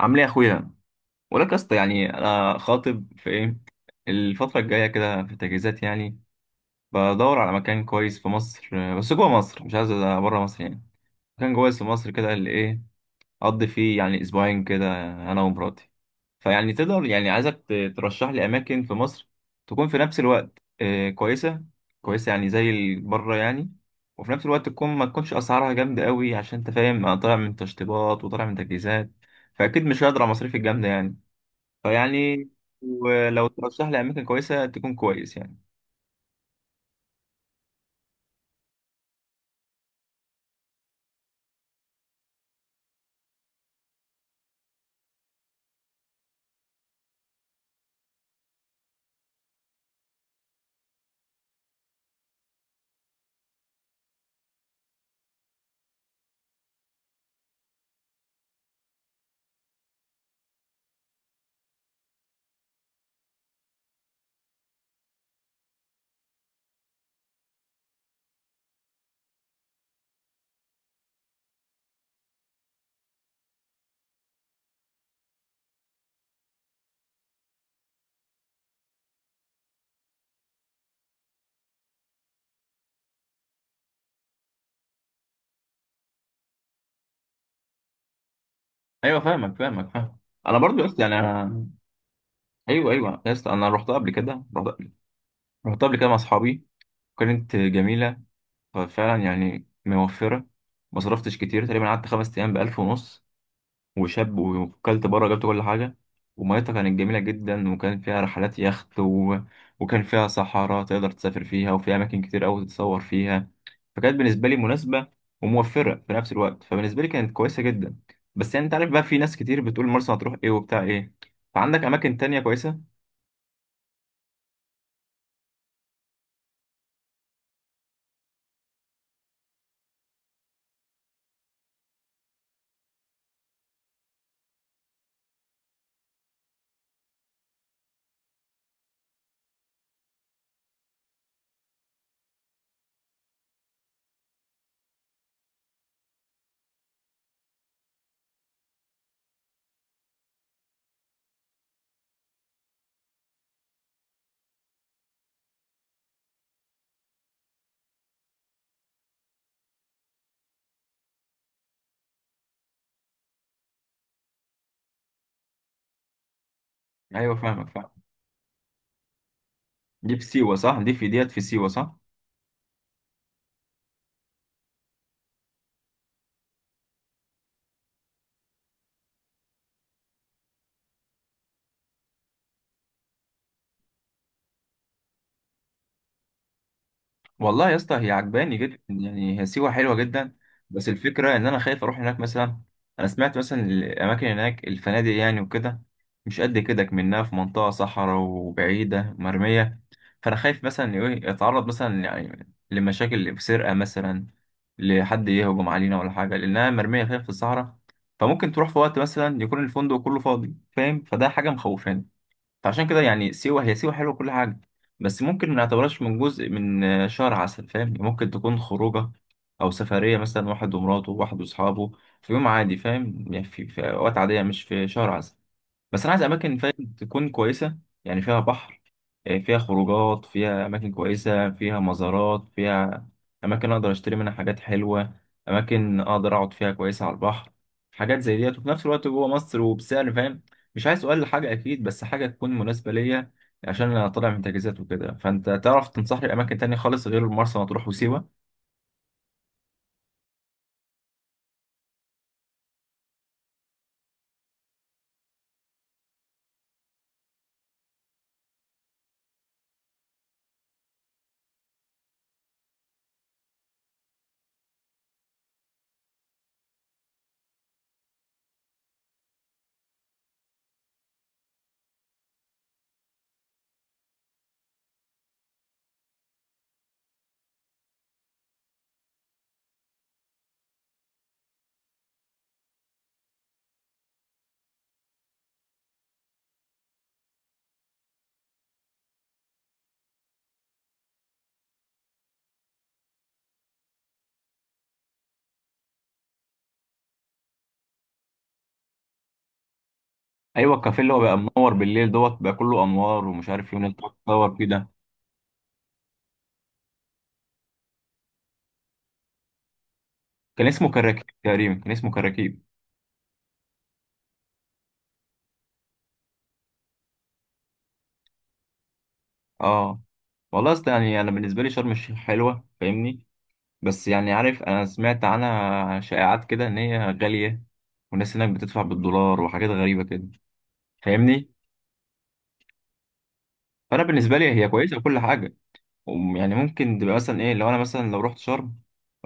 عامل ايه يا اخويا؟ ولك يا اسطى، يعني انا خاطب. في ايه الفتره الجايه كده في التجهيزات يعني. بدور على مكان كويس في مصر، آه، بس جوه مصر، مش عايز بره مصر يعني. مكان كويس في مصر كده اللي ايه، اقضي فيه يعني اسبوعين كده انا ومراتي. فيعني تقدر، يعني عايزك ترشح لي اماكن في مصر تكون في نفس الوقت، آه، كويسه. كويسه يعني زي بره يعني، وفي نفس الوقت تكون ما تكونش اسعارها جامده قوي، عشان انت فاهم انا طالع من تشطيبات وطالع من تجهيزات. فاكيد مش هقدر على المصاريف الجامده يعني. فيعني ولو ترشح لي اماكن كويسه تكون كويس يعني. ايوه فاهمك فاهم. انا برضو يا اسطى يعني انا. ايوه ايوه يا اسطى، انا رحتها قبل كده. رحت قبل رحت قبل كده مع اصحابي، كانت جميله. ففعلا يعني موفره، ما صرفتش كتير، تقريبا قعدت 5 ايام بألف ونص، وشاب وكلت بره، جبت كل حاجة. وميتها كانت جميلة جدا، وكان فيها رحلات يخت و وكان فيها صحراء تقدر تسافر فيها، وفيها أماكن كتير أوي تتصور فيها. فكانت بالنسبة لي مناسبة وموفرة في نفس الوقت، فبالنسبة لي كانت كويسة جدا. بس يعني أنت عارف بقى، في ناس كتير بتقول مرسى هتروح إيه وبتاع إيه. فعندك أماكن تانية كويسة؟ أيوه فاهمك فاهم. دي في سيوة، صح؟ دي في سيوة، صح؟ والله يا اسطى هي عجباني جدا، يعني هي سيوة حلوة جدا. بس الفكرة ان انا خايف اروح هناك مثلا. انا سمعت مثلا الاماكن هناك، الفنادق يعني وكده، مش قد كده، كمنها في منطقة صحراء وبعيدة مرمية. فانا خايف مثلا ايه اتعرض مثلا يعني لمشاكل في سرقة مثلا، لحد يهجم علينا ولا حاجة، لانها مرمية خايف في الصحراء. فممكن تروح في وقت مثلا يكون الفندق كله فاضي، فاهم؟ فده حاجة مخوفاني. فعشان كده يعني سيوة، هي سيوة حلوة كل حاجة، بس ممكن ما نعتبرهاش من جزء من، آه، شهر عسل، فاهم؟ ممكن تكون خروجة أو سفرية مثلا، واحد ومراته، واحد وأصحابه، في يوم عادي، فاهم؟ يعني في أوقات عادية، مش في شهر عسل. بس انا عايز اماكن، فاهم، تكون كويسه. يعني فيها بحر، آه، فيها خروجات، فيها اماكن كويسه، فيها مزارات، فيها اماكن اقدر اشتري منها حاجات حلوه، اماكن اقدر اقعد فيها كويسه على البحر. حاجات زي ديت، وفي نفس الوقت جوه مصر وبسعر، فاهم؟ مش عايز اقل حاجه اكيد، بس حاجه تكون مناسبه ليا، عشان انا طالع من تجهيزات وكده. فانت تعرف تنصحني باماكن تانية خالص غير مرسى مطروح وسيوه؟ ايوه، الكافيه اللي هو بقى منور بالليل دوت بقى كله انوار ومش عارف ايه، وناس بتقعد تصور فيه ده. كان اسمه كراكيب، اه. والله اصل يعني انا بالنسبه لي شرم الشيخ حلوه، فاهمني؟ بس يعني عارف، انا سمعت عنها شائعات كده ان هي غاليه، والناس هناك بتدفع بالدولار وحاجات غريبه كده، فاهمني؟ فانا بالنسبه لي هي كويسه وكل حاجه. يعني ممكن تبقى مثلا ايه، لو انا مثلا لو رحت شرم.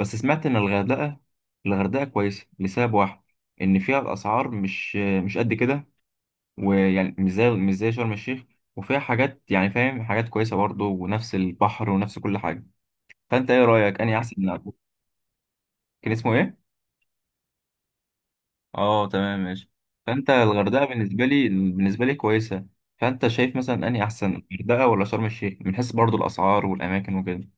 بس سمعت ان الغردقه، الغردقه كويسه لسبب واحد، ان فيها الاسعار مش قد كده، ويعني مش زي، مش زي شرم الشيخ، وفيها حاجات يعني، فاهم، حاجات كويسه برضه، ونفس البحر ونفس كل حاجه. فانت ايه رايك اني احسن من أبوك؟ كان اسمه ايه؟ اه تمام، ماشي. فانت الغردقه بالنسبه لي، بالنسبه لي كويسه. فانت شايف مثلا اني احسن الغردقه ولا شرم الشيخ، من حيث برضو الاسعار والاماكن وكده؟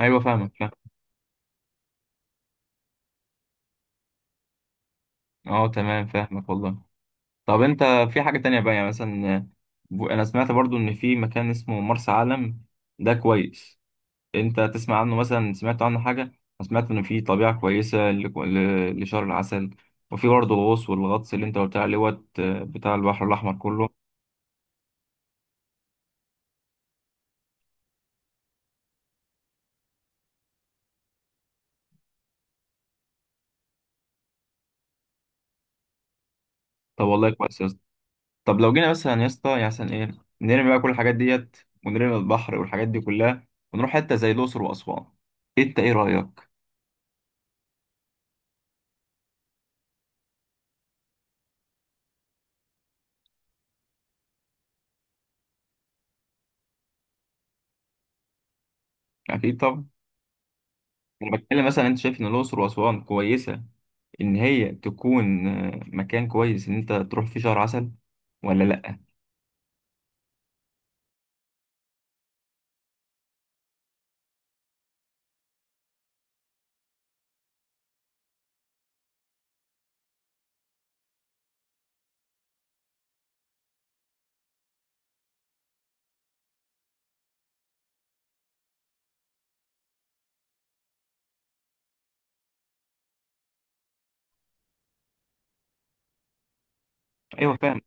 ايوه فاهمك فاهم. اه تمام فاهمك والله. طب انت في حاجه تانية بقى، يعني مثلا، آه، انا سمعت برضو ان في مكان اسمه مرسى علم، ده كويس؟ انت تسمع عنه مثلا؟ سمعت عنه حاجة؟ انا سمعت ان في طبيعة كويسة لشهر العسل، وفي برضه الغوص والغطس اللي انت قلت عليه، وقت بتاع البحر الاحمر كله. طب والله كويس يا اسطى. طب لو جينا مثلا يا اسطى، يعني مثلا ايه، نرمي بقى كل الحاجات ديت ونرمي البحر والحاجات دي كلها، ونروح حتة زي الاقصر واسوان، انت ايه رأيك؟ اكيد طبعا. انا بتكلم مثلا، انت شايف ان الاقصر واسوان كويسة، ان هي تكون، آه، مكان كويس ان انت تروح فيه شهر عسل، ولا لا؟ ايوه فاهم.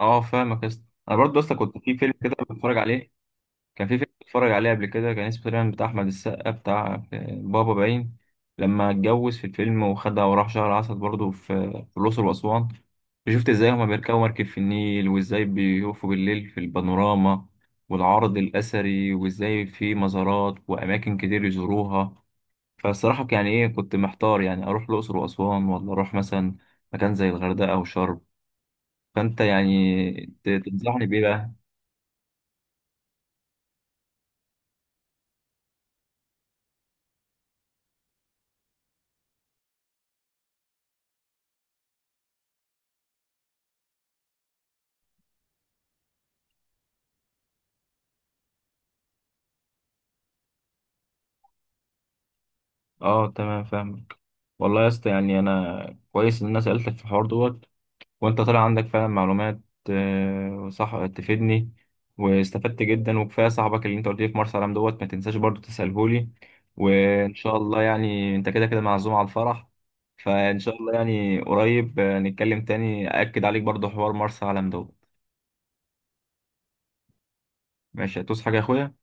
اه فاهمك يا اسطى، انا برضه اصلا كنت في فيلم كده بتفرج عليه. كان في فيلم بتفرج عليه قبل كده، كان اسمه تقريبا بتاع احمد السقا، بتاع، آه، بابا باين. لما اتجوز في الفيلم وخدها وراح شهر عسل برضه في، في الاقصر واسوان. شفت ازاي هما بيركبوا مركب في النيل، وازاي بيقفوا بالليل في البانوراما والعرض الاثري، وازاي في مزارات واماكن كتير يزوروها. فالصراحه يعني ايه، كنت محتار يعني اروح الاقصر واسوان، ولا اروح مثلا مكان زي الغردقه او شرم. فانت يعني تنصحني بايه بقى؟ اه تمام فاهمك. والله يا اسطى يعني انا كويس ان انا سالتك في الحوار دوت وانت طلع عندك فعلا معلومات، آه، صح، تفيدني. واستفدت جدا، وكفايه صاحبك اللي انت قلت لي في مرسى علم دوت ما تنساش برضو تساله لي. وان شاء الله يعني انت كده كده معزوم على الفرح. فان شاء الله يعني قريب، آه، نتكلم تاني، اكد عليك برضو حوار مرسى علم دوت ماشي، هتوس حاجه يا اخويا؟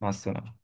مع السلامه.